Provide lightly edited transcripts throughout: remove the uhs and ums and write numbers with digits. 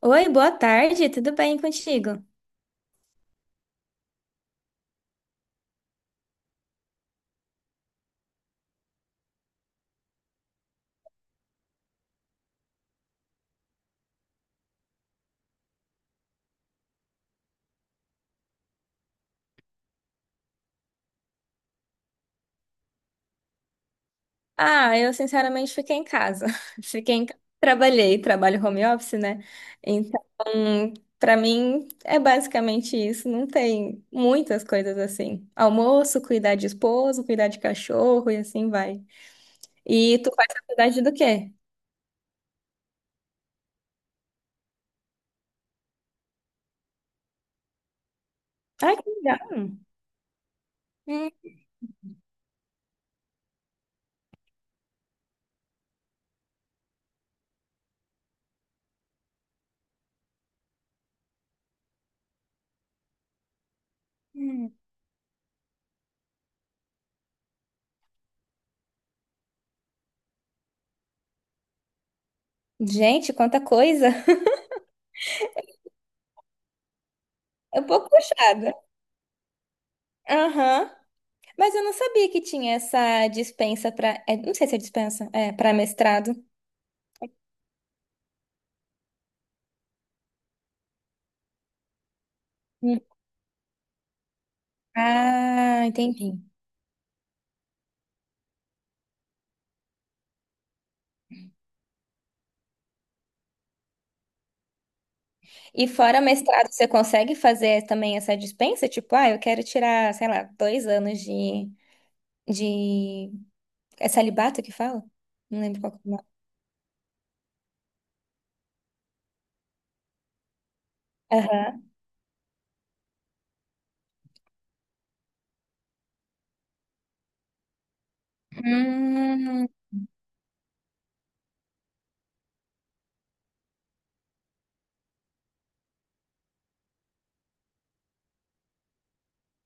Oi, boa tarde, tudo bem contigo? Ah, eu sinceramente fiquei em casa. Trabalhei, trabalho home office, né? Então, pra mim é basicamente isso. Não tem muitas coisas assim. Almoço, cuidar de esposo, cuidar de cachorro e assim vai. E tu faz faculdade do quê? Ai, que legal. Hum. Gente, quanta coisa! É um pouco puxada. Aham. Mas eu não sabia que tinha essa dispensa para. Não sei se é dispensa, para mestrado. Hum. Ah, entendi. E fora mestrado, você consegue fazer também essa dispensa? Tipo, ah, eu quero tirar, sei lá, 2 anos de, de. É celibato que fala? Não lembro qual que é o nome. Aham. Hum,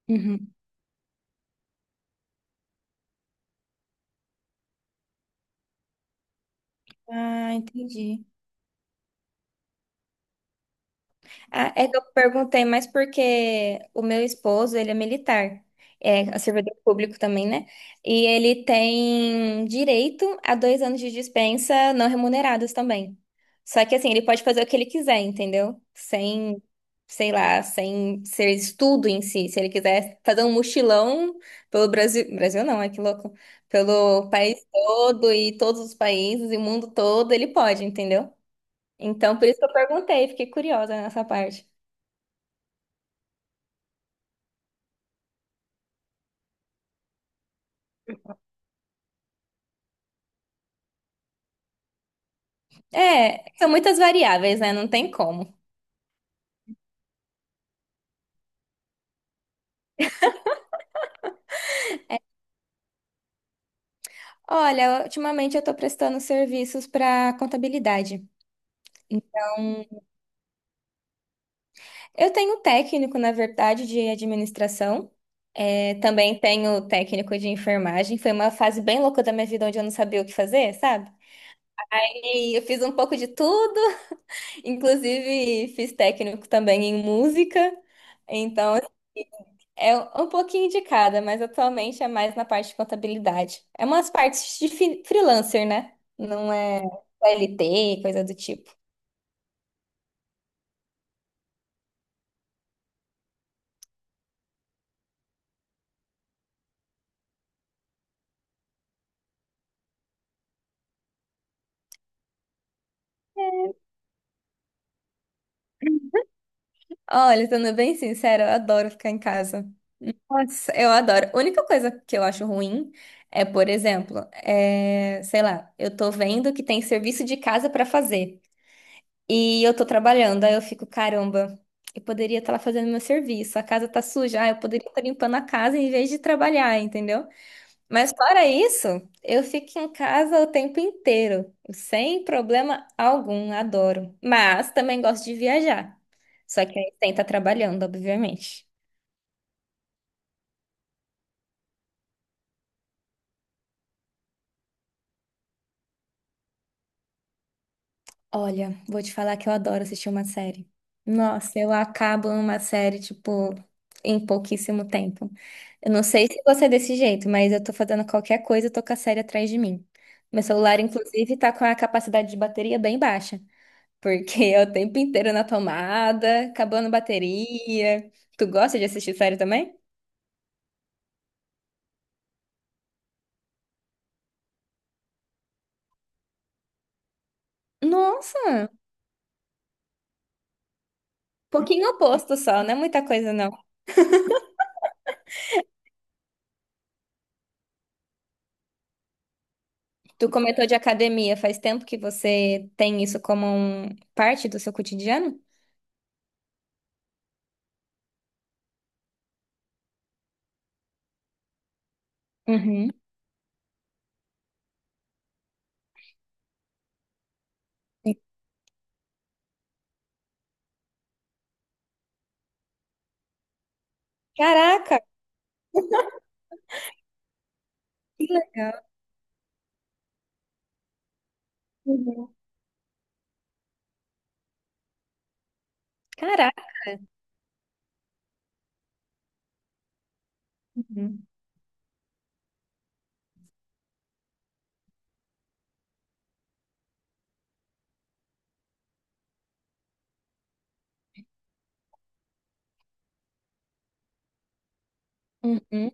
uhum. Ah, entendi. Ah, é que eu perguntei, mas porque o meu esposo, ele é militar, é servidor público também, né? E ele tem direito a 2 anos de dispensa não remunerados também. Só que assim, ele pode fazer o que ele quiser, entendeu? Sem, sei lá, sem ser estudo em si. Se ele quiser fazer um mochilão pelo Brasil, Brasil não, é que louco, pelo país todo e todos os países e mundo todo, ele pode, entendeu? Então, por isso que eu perguntei, fiquei curiosa nessa parte. É, são muitas variáveis, né? Não tem como. Olha, ultimamente eu tô prestando serviços para contabilidade. Então, eu tenho um técnico, na verdade, de administração. É, também tenho técnico de enfermagem. Foi uma fase bem louca da minha vida onde eu não sabia o que fazer, sabe? E eu fiz um pouco de tudo, inclusive fiz técnico também em música. Então, é um pouquinho de cada, mas atualmente é mais na parte de contabilidade. É umas partes de freelancer, né? Não é LT, coisa do tipo. Olha, sendo bem sincera, eu adoro ficar em casa. Nossa, eu adoro. A única coisa que eu acho ruim é, por exemplo, é, sei lá, eu tô vendo que tem serviço de casa pra fazer e eu tô trabalhando, aí eu fico, caramba, eu poderia estar lá fazendo meu serviço, a casa tá suja, ah, eu poderia estar limpando a casa em vez de trabalhar, entendeu? Mas fora isso, eu fico em casa o tempo inteiro, sem problema algum, adoro. Mas também gosto de viajar. Só que aí tem que tá trabalhando, obviamente. Olha, vou te falar que eu adoro assistir uma série. Nossa, eu acabo uma série, tipo, em pouquíssimo tempo. Eu não sei se você é desse jeito, mas eu tô fazendo qualquer coisa, eu tô com a série atrás de mim. Meu celular, inclusive, tá com a capacidade de bateria bem baixa. Porque é o tempo inteiro na tomada, acabando bateria. Tu gosta de assistir série também? Nossa, pouquinho oposto só, não é muita coisa não. Tu comentou de academia, faz tempo que você tem isso como parte do seu cotidiano? Uhum. Caraca, que legal. Uhum. Caraca. Uhum. Uhum.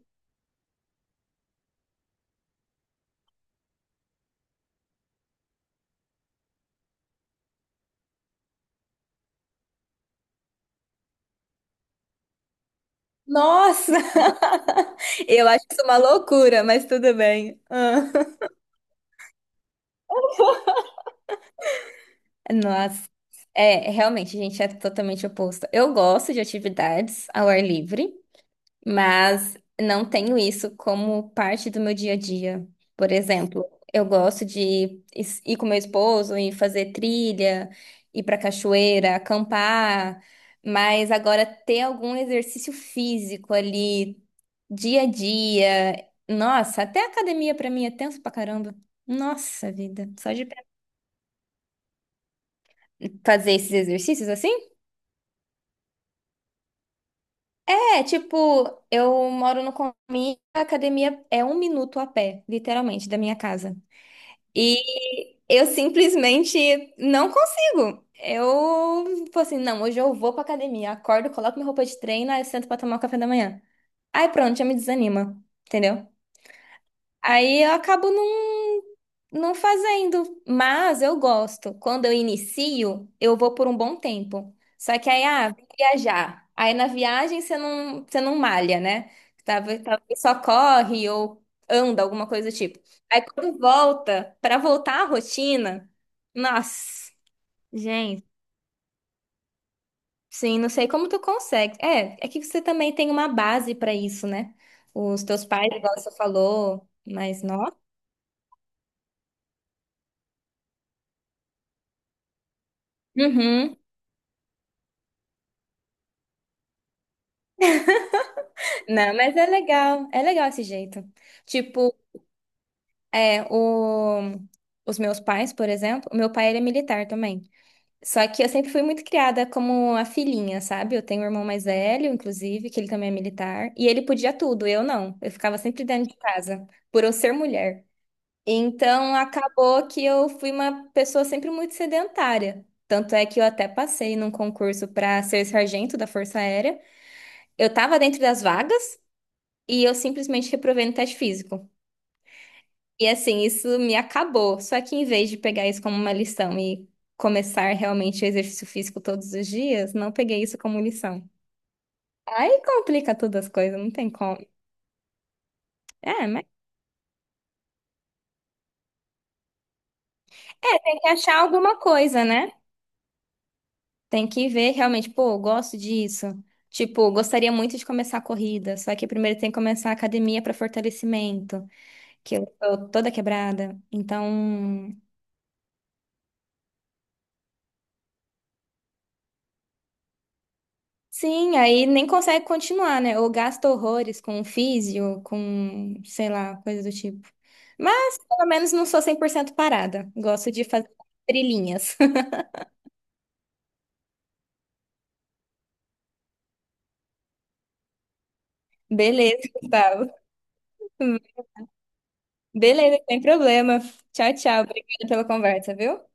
Nossa! Eu acho isso uma loucura, mas tudo bem. Nossa, é, realmente, a gente é totalmente oposto. Eu gosto de atividades ao ar livre, mas não tenho isso como parte do meu dia a dia. Por exemplo, eu gosto de ir com meu esposo e fazer trilha, ir pra cachoeira, acampar, mas agora ter algum exercício físico ali, dia a dia. Nossa, até academia pra mim é tenso pra caramba. Nossa vida, só de fazer esses exercícios assim? É, tipo, eu moro no condomínio, a academia é um minuto a pé, literalmente, da minha casa. E eu simplesmente não consigo. Eu, tipo assim, não, hoje eu vou pra academia, acordo, coloco minha roupa de treino, aí eu sento pra tomar o café da manhã. Aí pronto, já me desanima, entendeu? Aí eu acabo não. Não fazendo, mas eu gosto. Quando eu inicio, eu vou por um bom tempo. Só que aí, ah, vou viajar. Aí na viagem você não malha, né? Talvez só corre ou anda, alguma coisa do tipo. Aí quando volta, pra voltar à rotina, nossa, gente, sim, não sei como tu consegue. É, é que você também tem uma base pra isso, né? Os teus pais, igual você falou, mas não. Não, mas é legal esse jeito. Tipo, é, o, os meus pais, por exemplo, o meu pai ele é militar também. Só que eu sempre fui muito criada como a filhinha, sabe? Eu tenho um irmão mais velho, inclusive, que ele também é militar, e ele podia tudo, eu não. Eu ficava sempre dentro de casa, por eu ser mulher. Então, acabou que eu fui uma pessoa sempre muito sedentária. Tanto é que eu até passei num concurso para ser sargento da Força Aérea. Eu tava dentro das vagas, e eu simplesmente reprovei no teste físico. E assim, isso me acabou. Só que em vez de pegar isso como uma lição e começar realmente o exercício físico todos os dias, não peguei isso como lição. Aí complica todas as coisas, não tem como. É, mas é, tem que achar alguma coisa, né? Tem que ver realmente, pô, eu gosto disso. Tipo, gostaria muito de começar a corrida, só que primeiro tem que começar a academia para fortalecimento, que eu tô toda quebrada. Então, sim, aí nem consegue continuar, né? Ou gasta horrores com físio, com, sei lá, coisa do tipo. Mas, pelo menos, não sou 100% parada. Gosto de fazer trilhinhas. Beleza, Gustavo. Beleza, sem problema. Tchau, tchau. Obrigada pela conversa, viu?